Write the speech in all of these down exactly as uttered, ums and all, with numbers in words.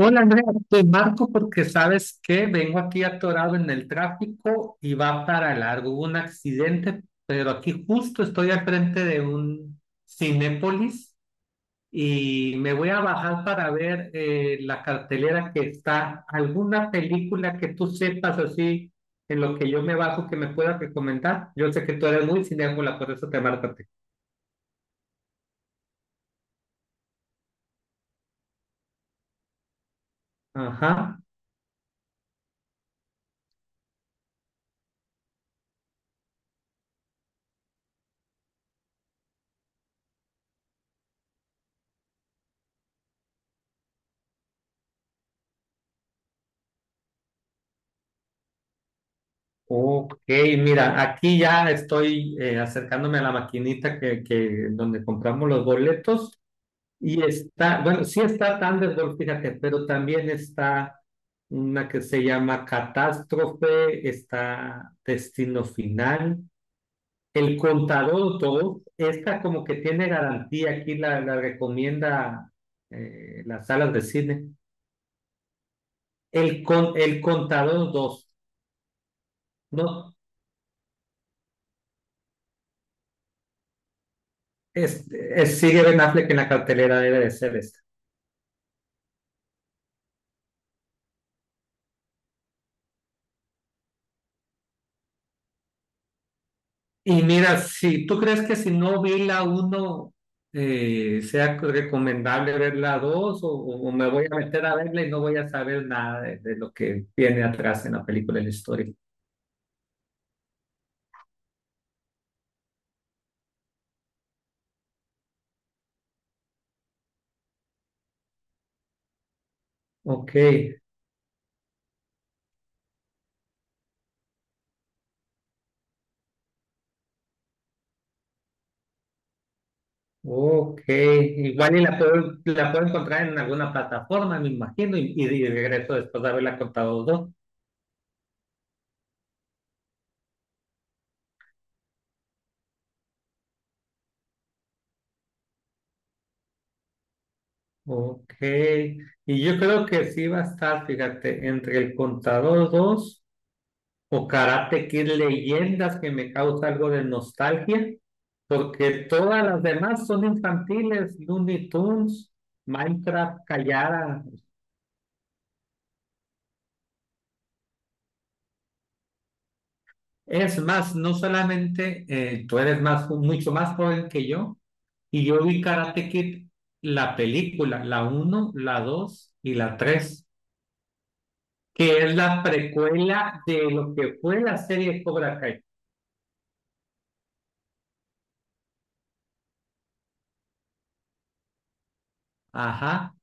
Hola Andrea, te marco porque sabes que vengo aquí atorado en el tráfico y va para largo. Hubo un accidente, pero aquí justo estoy al frente de un Cinépolis y me voy a bajar para ver eh, la cartelera que está. ¿Alguna película que tú sepas así en lo que yo me bajo que me pueda recomendar? Yo sé que tú eres muy cinéfila, por eso te marco a ti. Ajá. Ok, mira, aquí ya estoy eh, acercándome a la maquinita que, que- donde compramos los boletos y está, bueno, sí está Thunderball, fíjate, pero también está una que se llama Catástrofe, está Destino Final, El Contador dos, esta como que tiene garantía, aquí la, la recomienda eh, las salas de cine. El, con, el Contador dos. No, es- es- sigue Ben Affleck en la cartelera, debe de ser esta. Y mira, si tú crees que si no vi la uno eh, sea recomendable ver la dos o, o me voy a meter a verla y no voy a saber nada de, de lo que viene atrás en la película de la historia. Ok, ok. Igual y la puedo, la puedo encontrar en alguna plataforma, me imagino, y, y de regreso después de haberla contado dos. Ok. Y yo creo que sí va a estar, fíjate, entre el contador dos o Karate Kid Leyendas que me causa algo de nostalgia, porque todas las demás son infantiles, Looney Tunes, Minecraft callada. Es más, no solamente eh, tú eres más, mucho más joven que yo, y yo vi Karate Kid, la película, la uno la dos y la tres que es la precuela de lo que fue la serie Cobra Kai. Ajá.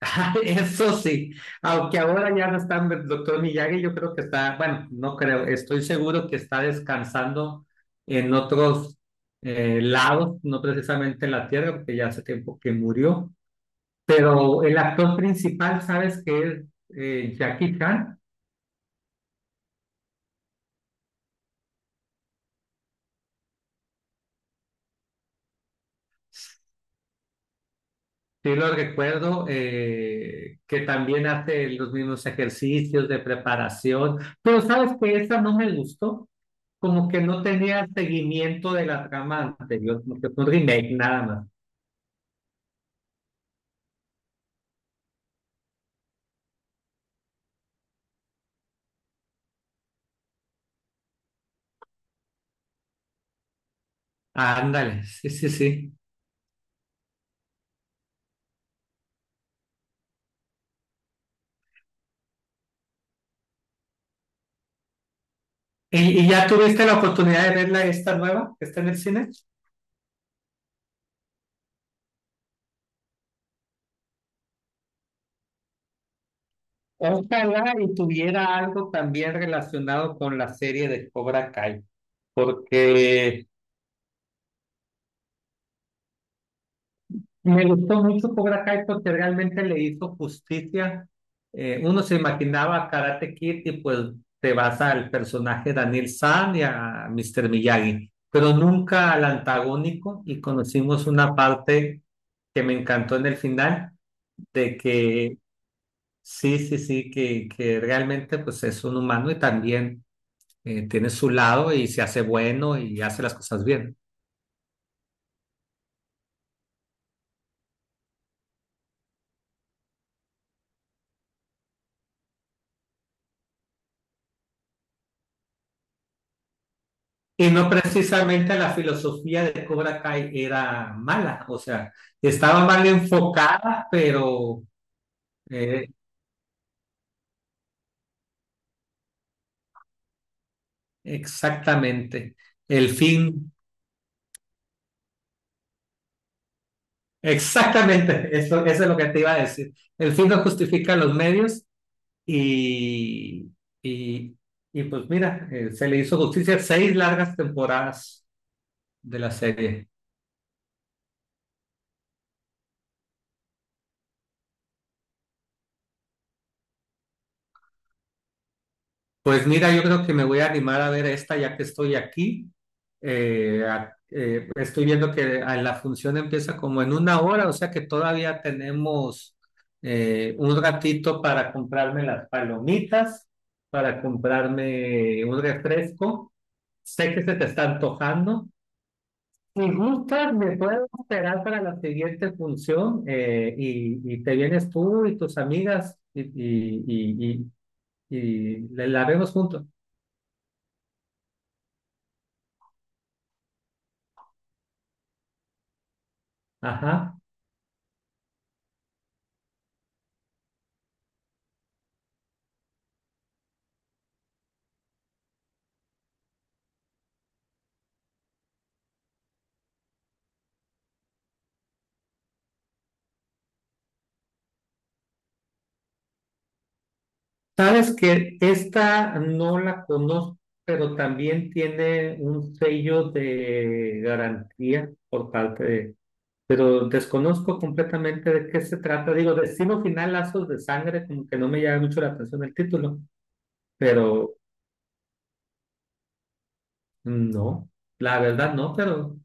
Eso sí, aunque ahora ya no está el doctor Miyagi, yo creo que está, bueno, no creo, estoy seguro que está descansando en otros eh, lados, no precisamente en la Tierra, porque ya hace tiempo que murió, pero el actor principal, ¿sabes qué es? Eh, Jackie Chan. Sí lo recuerdo, eh, que también hace los mismos ejercicios de preparación, pero sabes que esa no me gustó, como que no tenía seguimiento de la trama anterior, como que fue un remake nada más. Ándale, sí, sí, sí. ¿Y, y ya tuviste la oportunidad de verla esta nueva que está en el cine? Ojalá y tuviera algo también relacionado con la serie de Cobra Kai, porque me gustó mucho Cobra Kai porque realmente le hizo justicia. Eh, uno se imaginaba Karate Kid y pues te vas al personaje Daniel San y a míster Miyagi, pero nunca al antagónico y conocimos una parte que me encantó en el final de que sí, sí, sí, que, que realmente pues es un humano y también eh, tiene su lado y se hace bueno y hace las cosas bien. Y no precisamente la filosofía de Cobra Kai era mala, o sea, estaba mal enfocada, pero eh, exactamente, el fin, exactamente, eso, eso es lo que te iba a decir. El fin no justifica los medios y, y, y pues mira, eh, se le hizo justicia seis largas temporadas de la serie. Pues mira, yo creo que me voy a animar a ver esta ya que estoy aquí. Eh, a- eh, estoy viendo que a la función empieza como en una hora, o sea que todavía tenemos eh, un ratito para comprarme las palomitas, para comprarme un refresco. Sé que se te está antojando. Si gustas, me puedes esperar para la siguiente función eh, y, y te vienes tú y tus amigas y, y, y, y, y la la vemos juntos. Ajá. Sabes que esta no la conozco, pero también tiene un sello de garantía por parte de... Pero desconozco completamente de qué se trata. Digo, Destino Final, Lazos de Sangre, como que no me llama mucho la atención el título, pero no, la verdad no, pero...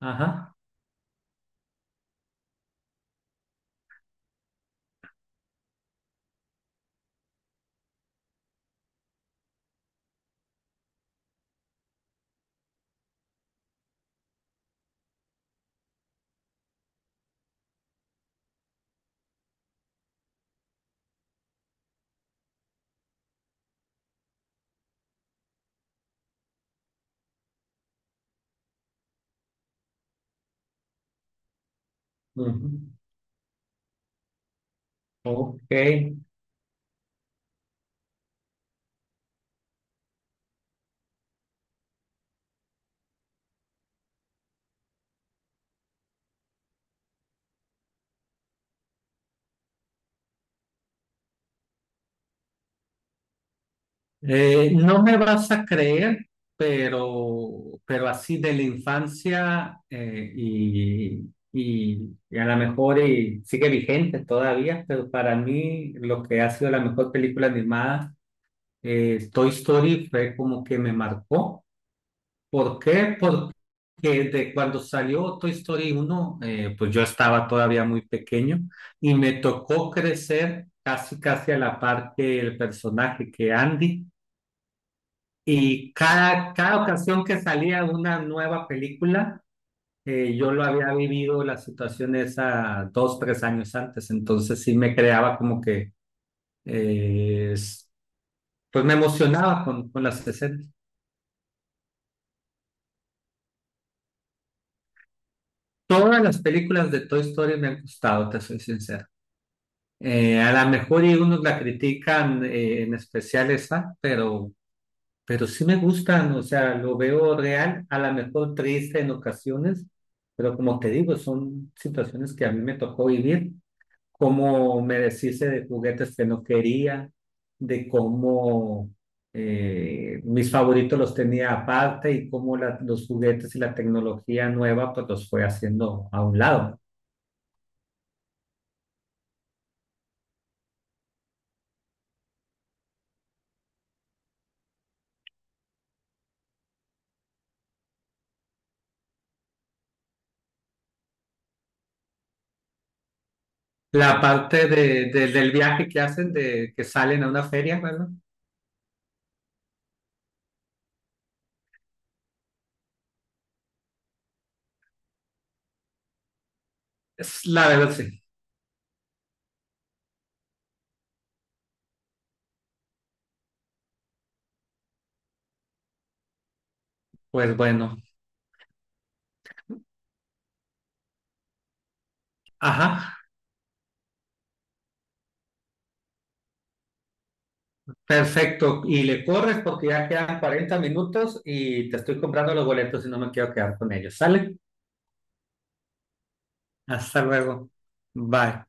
Ajá. Ujú. Ok. Eh, no me vas a creer, pero, pero así de la infancia eh, y, y, y a lo mejor y sigue vigente todavía, pero para mí lo que ha sido la mejor película animada, eh, Toy Story, fue como que me marcó. ¿Por qué? Porque de cuando salió Toy Story uno, eh, pues yo estaba todavía muy pequeño y me tocó crecer casi, casi a la par que el personaje, que Andy. Y cada, cada ocasión que salía una nueva película, eh, yo lo había vivido la situación esa dos, tres años antes, entonces sí me creaba como que, eh, es- pues me emocionaba con, con las escenas. Todas las películas de Toy Story me han gustado, te soy sincero. Eh, a lo mejor y unos la critican eh, en especial esa, pero pero sí me gustan, o sea, lo veo real, a lo mejor triste en ocasiones, pero como te digo, son situaciones que a mí me tocó vivir, como me deshice de juguetes que no quería, de cómo eh, mis favoritos los tenía aparte y cómo la- los juguetes y la tecnología nueva pues los fue haciendo a un lado. La parte de, de- del viaje que hacen, de que salen a una feria, ¿verdad? Es, la verdad, sí. Pues bueno, ajá. Perfecto, y le corres porque ya quedan cuarenta minutos y te estoy comprando los boletos y no me quiero quedar con ellos. ¿Sale? Hasta luego. Bye.